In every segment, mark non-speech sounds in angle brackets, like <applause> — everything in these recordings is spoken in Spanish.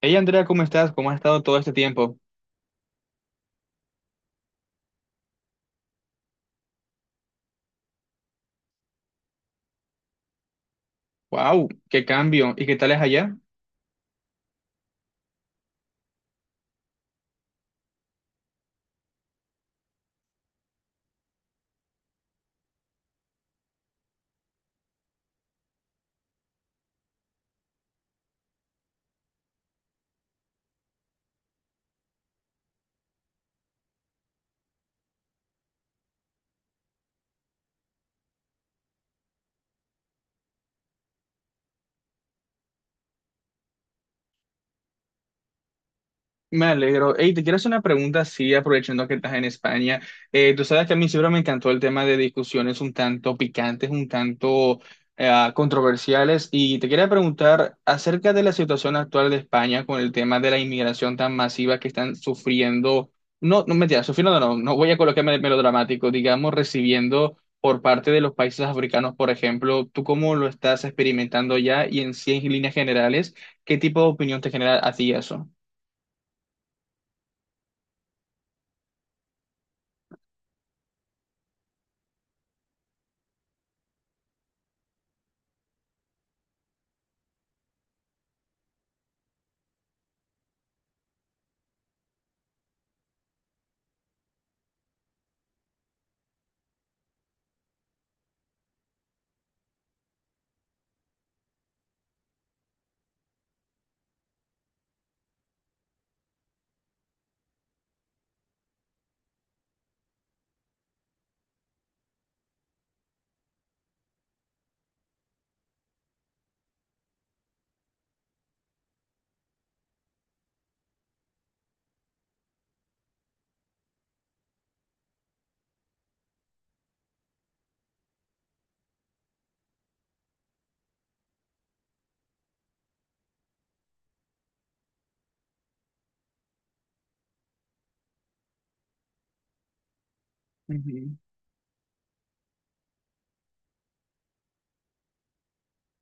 Hey Andrea, ¿cómo estás? ¿Cómo has estado todo este tiempo? ¡Wow! ¡Qué cambio! ¿Y qué tal es allá? Me alegro. Hey, te quiero hacer una pregunta, sí, aprovechando que estás en España. Tú sabes que a mí siempre me encantó el tema de discusiones un tanto picantes, un tanto controversiales, y te quería preguntar acerca de la situación actual de España con el tema de la inmigración tan masiva que están sufriendo, no, no mentira, sufriendo no, no voy a colocarme melodramático, digamos, recibiendo por parte de los países africanos, por ejemplo, ¿tú cómo lo estás experimentando ya y en cien líneas generales, qué tipo de opinión te genera a ti eso?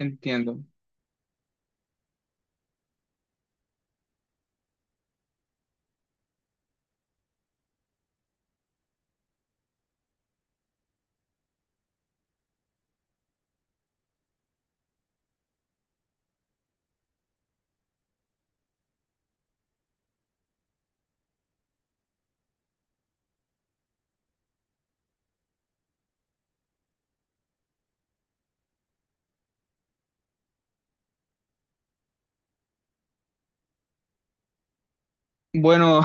Entiendo. Bueno,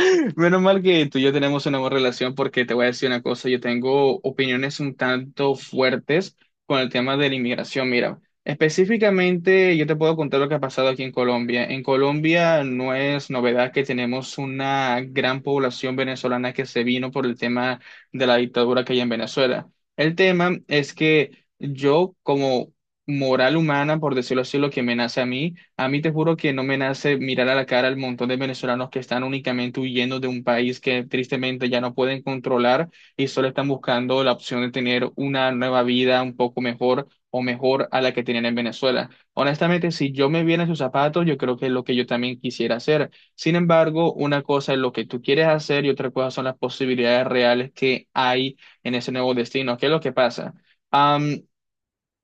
<laughs> menos mal que tú y yo tenemos una buena relación porque te voy a decir una cosa, yo tengo opiniones un tanto fuertes con el tema de la inmigración. Mira, específicamente yo te puedo contar lo que ha pasado aquí en Colombia. En Colombia no es novedad que tenemos una gran población venezolana que se vino por el tema de la dictadura que hay en Venezuela. El tema es que yo como moral humana, por decirlo así, lo que me nace a mí. A mí te juro que no me nace mirar a la cara al montón de venezolanos que están únicamente huyendo de un país que tristemente ya no pueden controlar y solo están buscando la opción de tener una nueva vida un poco mejor o mejor a la que tenían en Venezuela. Honestamente, si yo me viera en sus zapatos, yo creo que es lo que yo también quisiera hacer. Sin embargo, una cosa es lo que tú quieres hacer y otra cosa son las posibilidades reales que hay en ese nuevo destino. ¿Qué es lo que pasa?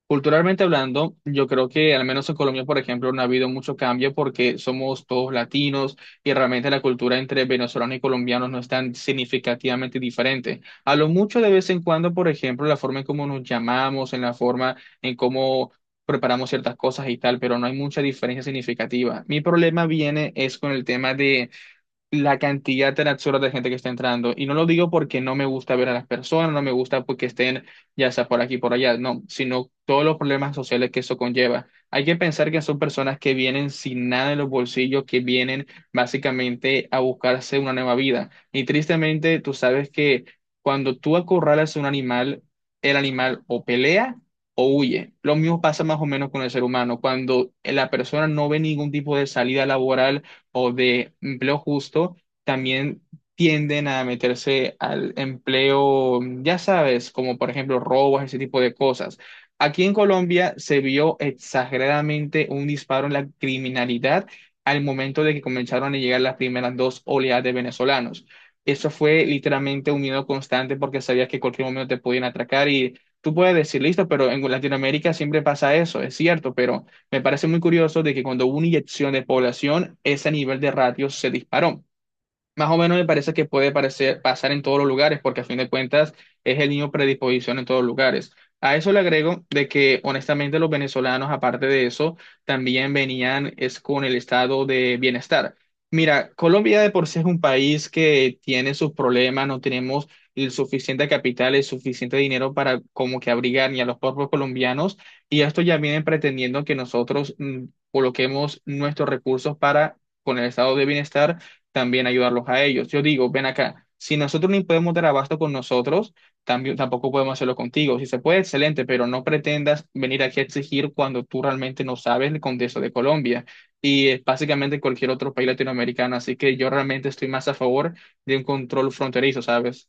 Culturalmente hablando, yo creo que al menos en Colombia, por ejemplo, no ha habido mucho cambio porque somos todos latinos y realmente la cultura entre venezolanos y colombianos no es tan significativamente diferente. A lo mucho de vez en cuando, por ejemplo, la forma en cómo nos llamamos, en la forma en cómo preparamos ciertas cosas y tal, pero no hay mucha diferencia significativa. Mi problema viene es con el tema la cantidad tan absurda de gente que está entrando. Y no lo digo porque no me gusta ver a las personas, no me gusta porque estén ya sea por aquí, por allá, no, sino todos los problemas sociales que eso conlleva. Hay que pensar que son personas que vienen sin nada en los bolsillos, que vienen básicamente a buscarse una nueva vida. Y tristemente, tú sabes que cuando tú acorralas a un animal, el animal o pelea o huye. Lo mismo pasa más o menos con el ser humano. Cuando la persona no ve ningún tipo de salida laboral, o de empleo justo también tienden a meterse al empleo, ya sabes, como por ejemplo robos, ese tipo de cosas. Aquí en Colombia se vio exageradamente un disparo en la criminalidad al momento de que comenzaron a llegar las primeras dos oleadas de venezolanos. Eso fue literalmente un miedo constante porque sabías que en cualquier momento te podían atracar y tú puedes decir, listo, pero en Latinoamérica siempre pasa eso, es cierto, pero me parece muy curioso de que cuando hubo una inyección de población, ese nivel de ratio se disparó. Más o menos me parece que puede parecer, pasar en todos los lugares, porque a fin de cuentas es el niño predisposición en todos los lugares. A eso le agrego de que honestamente los venezolanos, aparte de eso, también venían es con el estado de bienestar. Mira, Colombia de por sí es un país que tiene sus problemas, no tenemos el suficiente capital, el suficiente dinero para como que abrigar ni a los propios colombianos, y esto ya vienen pretendiendo que nosotros coloquemos nuestros recursos para con el estado de bienestar también ayudarlos a ellos. Yo digo, ven acá, si nosotros no podemos dar abasto con nosotros, también, tampoco podemos hacerlo contigo. Si se puede, excelente, pero no pretendas venir aquí a exigir cuando tú realmente no sabes el contexto de Colombia y básicamente cualquier otro país latinoamericano. Así que yo realmente estoy más a favor de un control fronterizo, ¿sabes?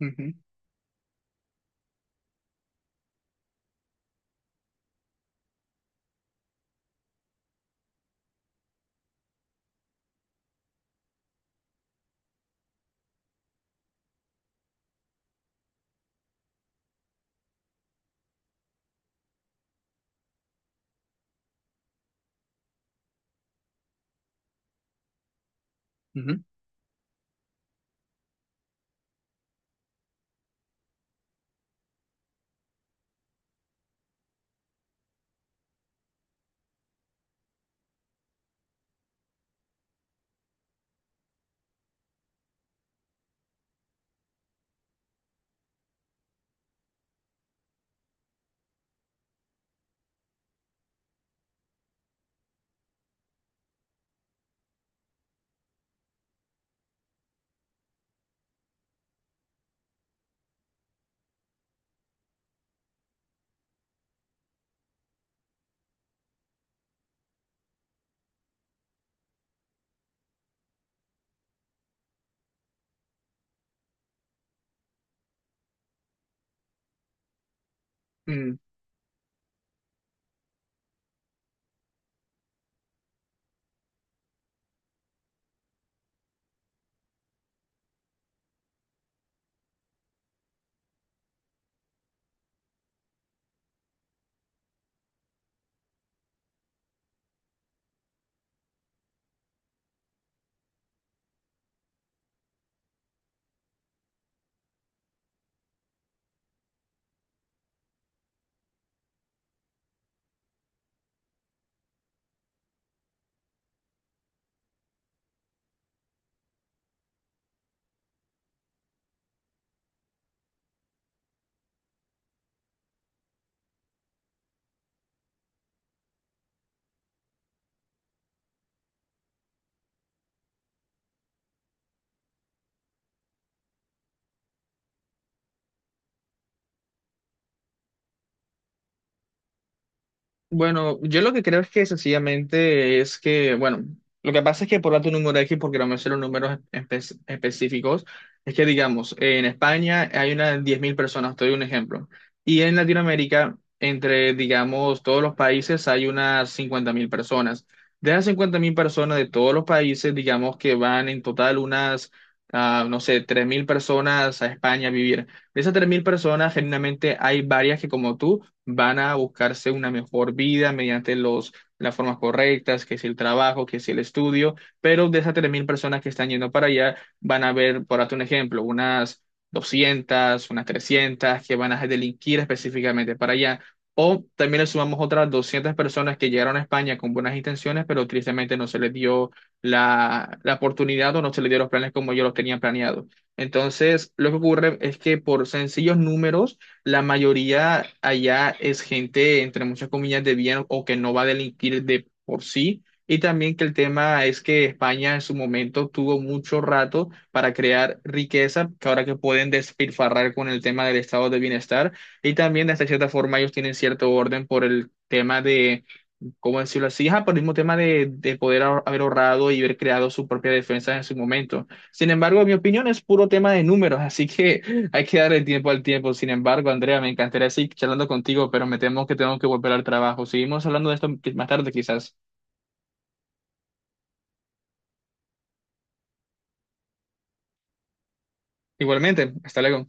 Ujú, ujú. Mm, Bueno, yo lo que creo es que sencillamente es que, bueno, lo que pasa es que por dato número X, porque no me sé los números específicos, es que digamos, en España hay unas 10.000 personas, te doy un ejemplo, y en Latinoamérica, entre, digamos, todos los países hay unas 50.000 personas. De esas 50.000 personas de todos los países, digamos que van en total unas, no sé, 3.000 personas a España a vivir. De esas 3.000 personas, generalmente hay varias que como tú, van a buscarse una mejor vida mediante las formas correctas, que es el trabajo, que es el estudio, pero de esas 3.000 personas que están yendo para allá, van a ver, por darte un ejemplo, unas 200 unas 300 que van a delinquir específicamente para allá. O también le sumamos otras 200 personas que llegaron a España con buenas intenciones, pero tristemente no se les dio la oportunidad o no se les dio los planes como ellos los tenían planeados. Entonces, lo que ocurre es que por sencillos números, la mayoría allá es gente, entre muchas comillas, de bien o que no va a delinquir de por sí. Y también que el tema es que España en su momento tuvo mucho rato para crear riqueza, que ahora que pueden despilfarrar con el tema del estado de bienestar. Y también, de esta cierta forma, ellos tienen cierto orden por el tema de como decirlo así, ajá, por el mismo tema de, poder haber ahorrado y haber creado su propia defensa en su momento. Sin embargo, mi opinión es puro tema de números, así que <laughs> hay que darle tiempo al tiempo. Sin embargo, Andrea, me encantaría seguir charlando contigo, pero me temo que tengo que volver al trabajo. Seguimos hablando de esto más tarde, quizás. Igualmente, hasta luego.